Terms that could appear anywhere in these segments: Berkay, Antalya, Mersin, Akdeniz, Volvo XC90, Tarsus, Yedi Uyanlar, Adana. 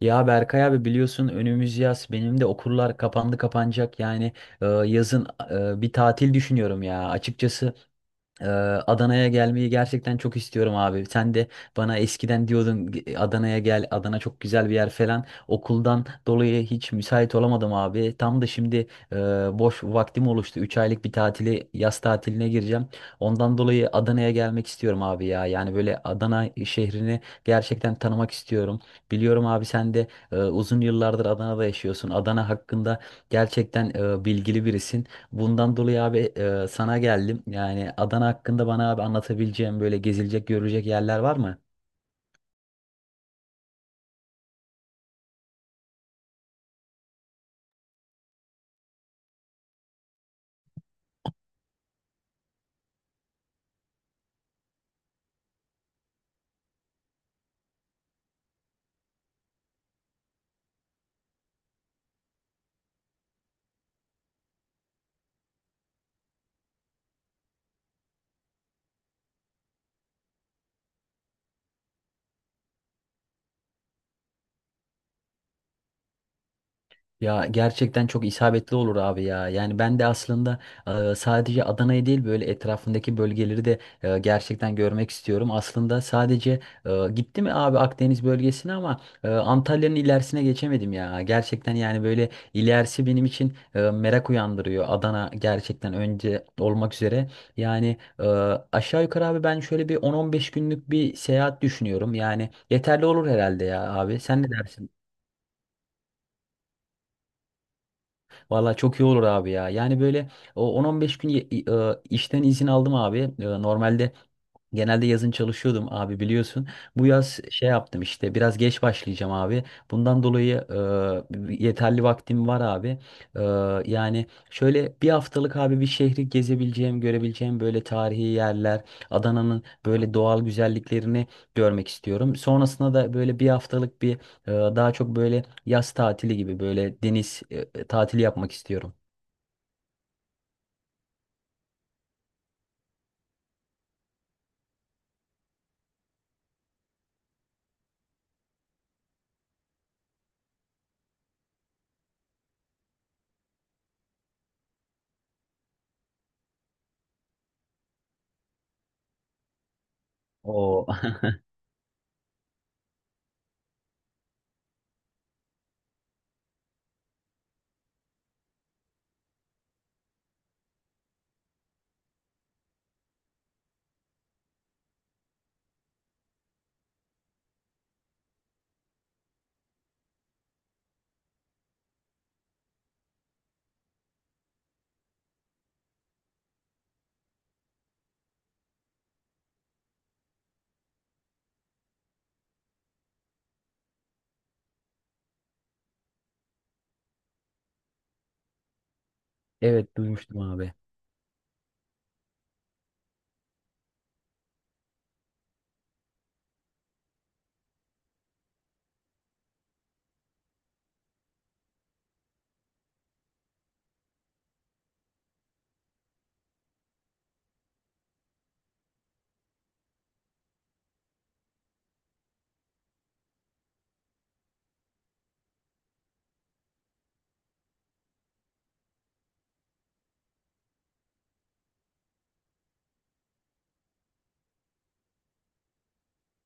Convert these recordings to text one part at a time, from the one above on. Ya Berkay abi biliyorsun önümüz yaz benim de okullar kapandı kapanacak yani yazın bir tatil düşünüyorum ya açıkçası ee, Adana'ya gelmeyi gerçekten çok istiyorum abi. Sen de bana eskiden diyordun Adana'ya gel, Adana çok güzel bir yer falan." Okuldan dolayı hiç müsait olamadım abi. Tam da şimdi e, boş vaktim oluştu. 3 aylık bir tatili, yaz tatiline gireceğim. Ondan dolayı Adana'ya gelmek istiyorum abi ya. Yani böyle Adana şehrini gerçekten tanımak istiyorum. Biliyorum abi sen de uzun yıllardır Adana'da yaşıyorsun. Adana hakkında gerçekten bilgili birisin. Bundan dolayı abi sana geldim. Yani Adana hakkında bana abi anlatabileceğim böyle gezilecek, görülecek yerler var mı? Ya gerçekten çok isabetli olur abi ya. Yani ben de aslında sadece Adana'yı değil böyle etrafındaki bölgeleri de gerçekten görmek istiyorum. Aslında sadece gitti mi abi Akdeniz bölgesine ama Antalya'nın ilerisine geçemedim ya. Gerçekten yani böyle ilerisi benim için merak uyandırıyor. Adana gerçekten önce olmak üzere. Yani aşağı yukarı abi ben şöyle bir 10-15 günlük bir seyahat düşünüyorum. Yani yeterli olur herhalde ya abi. Sen ne dersin? Valla çok iyi olur abi ya. Yani böyle o 10-15 gün işten izin aldım abi. E, normalde genelde yazın çalışıyordum abi biliyorsun. Bu yaz şey yaptım işte biraz geç başlayacağım abi. Bundan dolayı yeterli vaktim var abi. E, Yani şöyle bir haftalık abi bir şehri gezebileceğim, görebileceğim böyle tarihi yerler, Adana'nın böyle doğal güzelliklerini görmek istiyorum. Sonrasında da böyle bir haftalık bir daha çok böyle yaz tatili gibi böyle deniz tatili yapmak istiyorum. Oo. Evet duymuştum abi.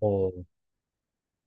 Oo.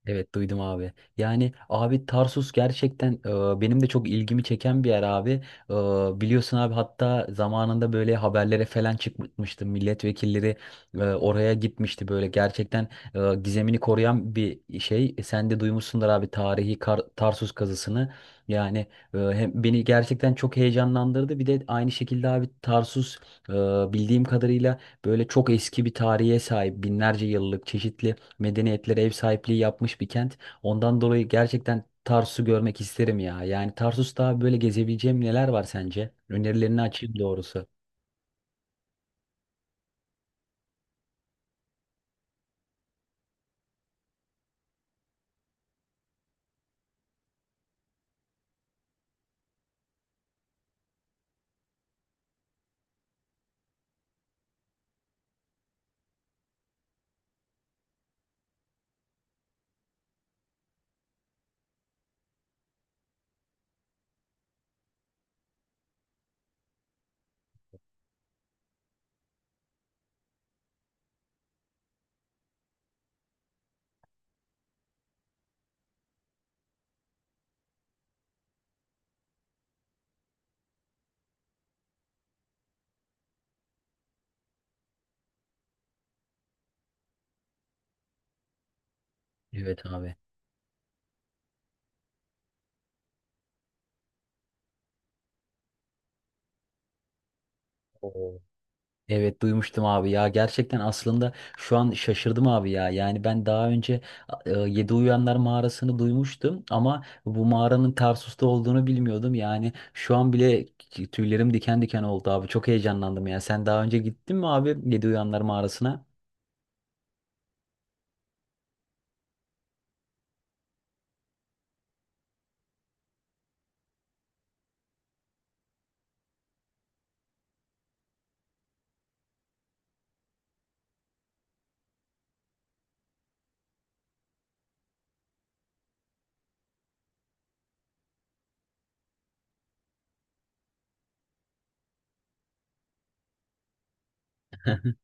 Evet duydum abi. Yani abi Tarsus gerçekten benim de çok ilgimi çeken bir yer abi. E, biliyorsun abi hatta zamanında böyle haberlere falan çıkmıştı. Milletvekilleri oraya gitmişti böyle. Gerçekten gizemini koruyan bir şey. E, sen de duymuşsundur abi tarihi Tarsus kazısını. Yani hem beni gerçekten çok heyecanlandırdı. Bir de aynı şekilde abi Tarsus e, bildiğim kadarıyla böyle çok eski bir tarihe sahip. Binlerce yıllık çeşitli medeniyetlere ev sahipliği yapmış bir kent. Ondan dolayı gerçekten Tarsus'u görmek isterim ya. Yani Tarsus'ta böyle gezebileceğim neler var sence? Önerilerini açayım doğrusu. Evet abi. Oo. Evet duymuştum abi ya, gerçekten aslında şu an şaşırdım abi ya, yani ben daha önce Yedi Uyanlar mağarasını duymuştum ama bu mağaranın Tarsus'ta olduğunu bilmiyordum. Yani şu an bile tüylerim diken diken oldu abi, çok heyecanlandım ya. Sen daha önce gittin mi abi Yedi Uyanlar mağarasına?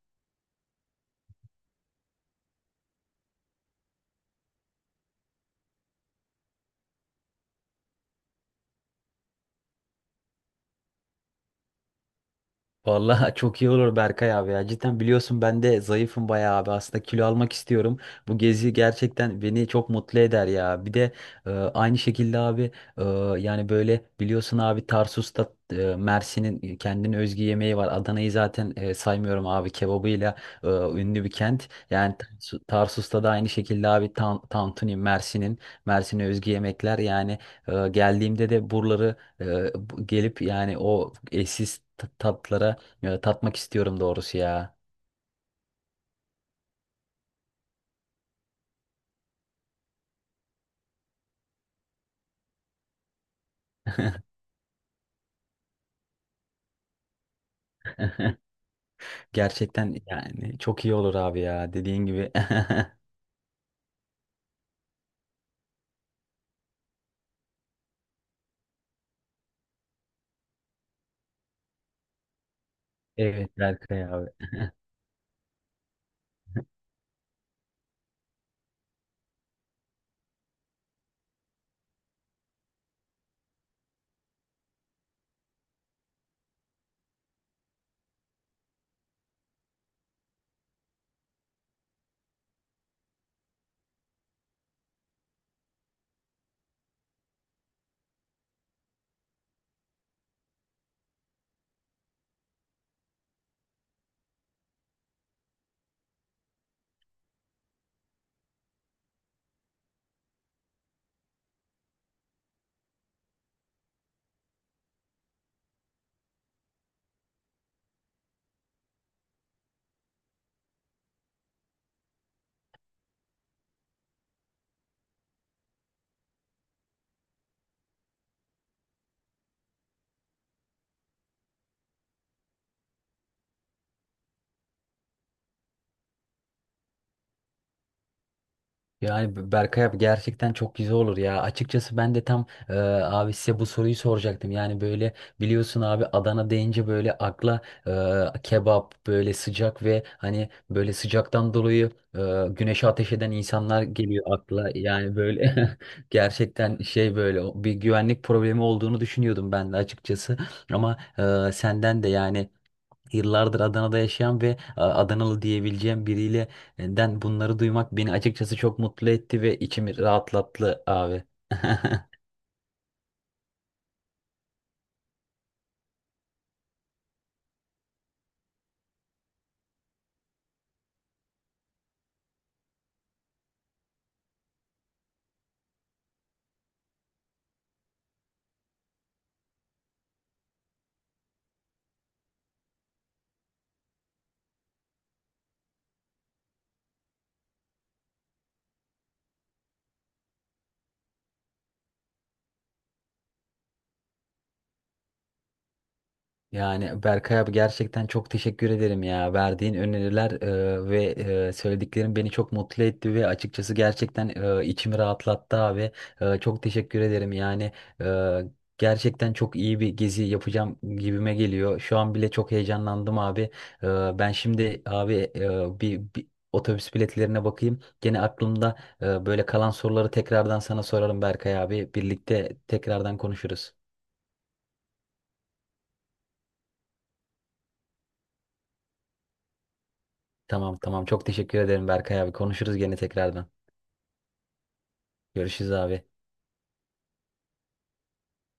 Vallahi çok iyi olur Berkay abi ya. Cidden biliyorsun ben de zayıfım bayağı abi. Aslında kilo almak istiyorum. Bu gezi gerçekten beni çok mutlu eder ya. Bir de aynı şekilde abi e, yani böyle biliyorsun abi Tarsus'ta Mersin'in kendine özgü yemeği var. Adana'yı zaten saymıyorum abi, kebabıyla ünlü bir kent. Yani Tarsus'ta da aynı şekilde abi tan tantuni, Mersin'in Mersin'e özgü yemekler. Yani geldiğimde de buraları e, gelip yani o eşsiz tatlara ya tatmak istiyorum doğrusu ya. Gerçekten yani çok iyi olur abi ya, dediğin gibi. Evet Berkay abi. Yani Berkay abi gerçekten çok güzel olur ya. Açıkçası ben de tam abi size bu soruyu soracaktım. Yani böyle biliyorsun abi Adana deyince böyle akla kebap, böyle sıcak ve hani böyle sıcaktan dolayı güneşe ateş eden insanlar geliyor akla. Yani böyle gerçekten şey böyle o- bir güvenlik problemi olduğunu düşünüyordum ben de açıkçası. Ama senden de yani yıllardır Adana'da yaşayan ve a, Adanalı diyebileceğim biriyle den bunları duymak beni açıkçası çok mutlu etti ve içimi rahatlattı abi. Yani Berkay abi gerçekten çok teşekkür ederim ya. Verdiğin öneriler ve söylediklerin beni çok mutlu etti ve açıkçası gerçekten içimi rahatlattı abi. E, çok teşekkür ederim yani. e, Gerçekten çok iyi bir gezi yapacağım gibime geliyor. Şu an bile çok heyecanlandım abi. E, ben şimdi abi bir otobüs biletlerine bakayım. Gene aklımda böyle kalan soruları tekrardan sana sorarım Berkay abi. Birlikte tekrardan konuşuruz. Tamam tamam. Çok teşekkür ederim Berkay abi. Konuşuruz gene tekrardan. Görüşürüz abi.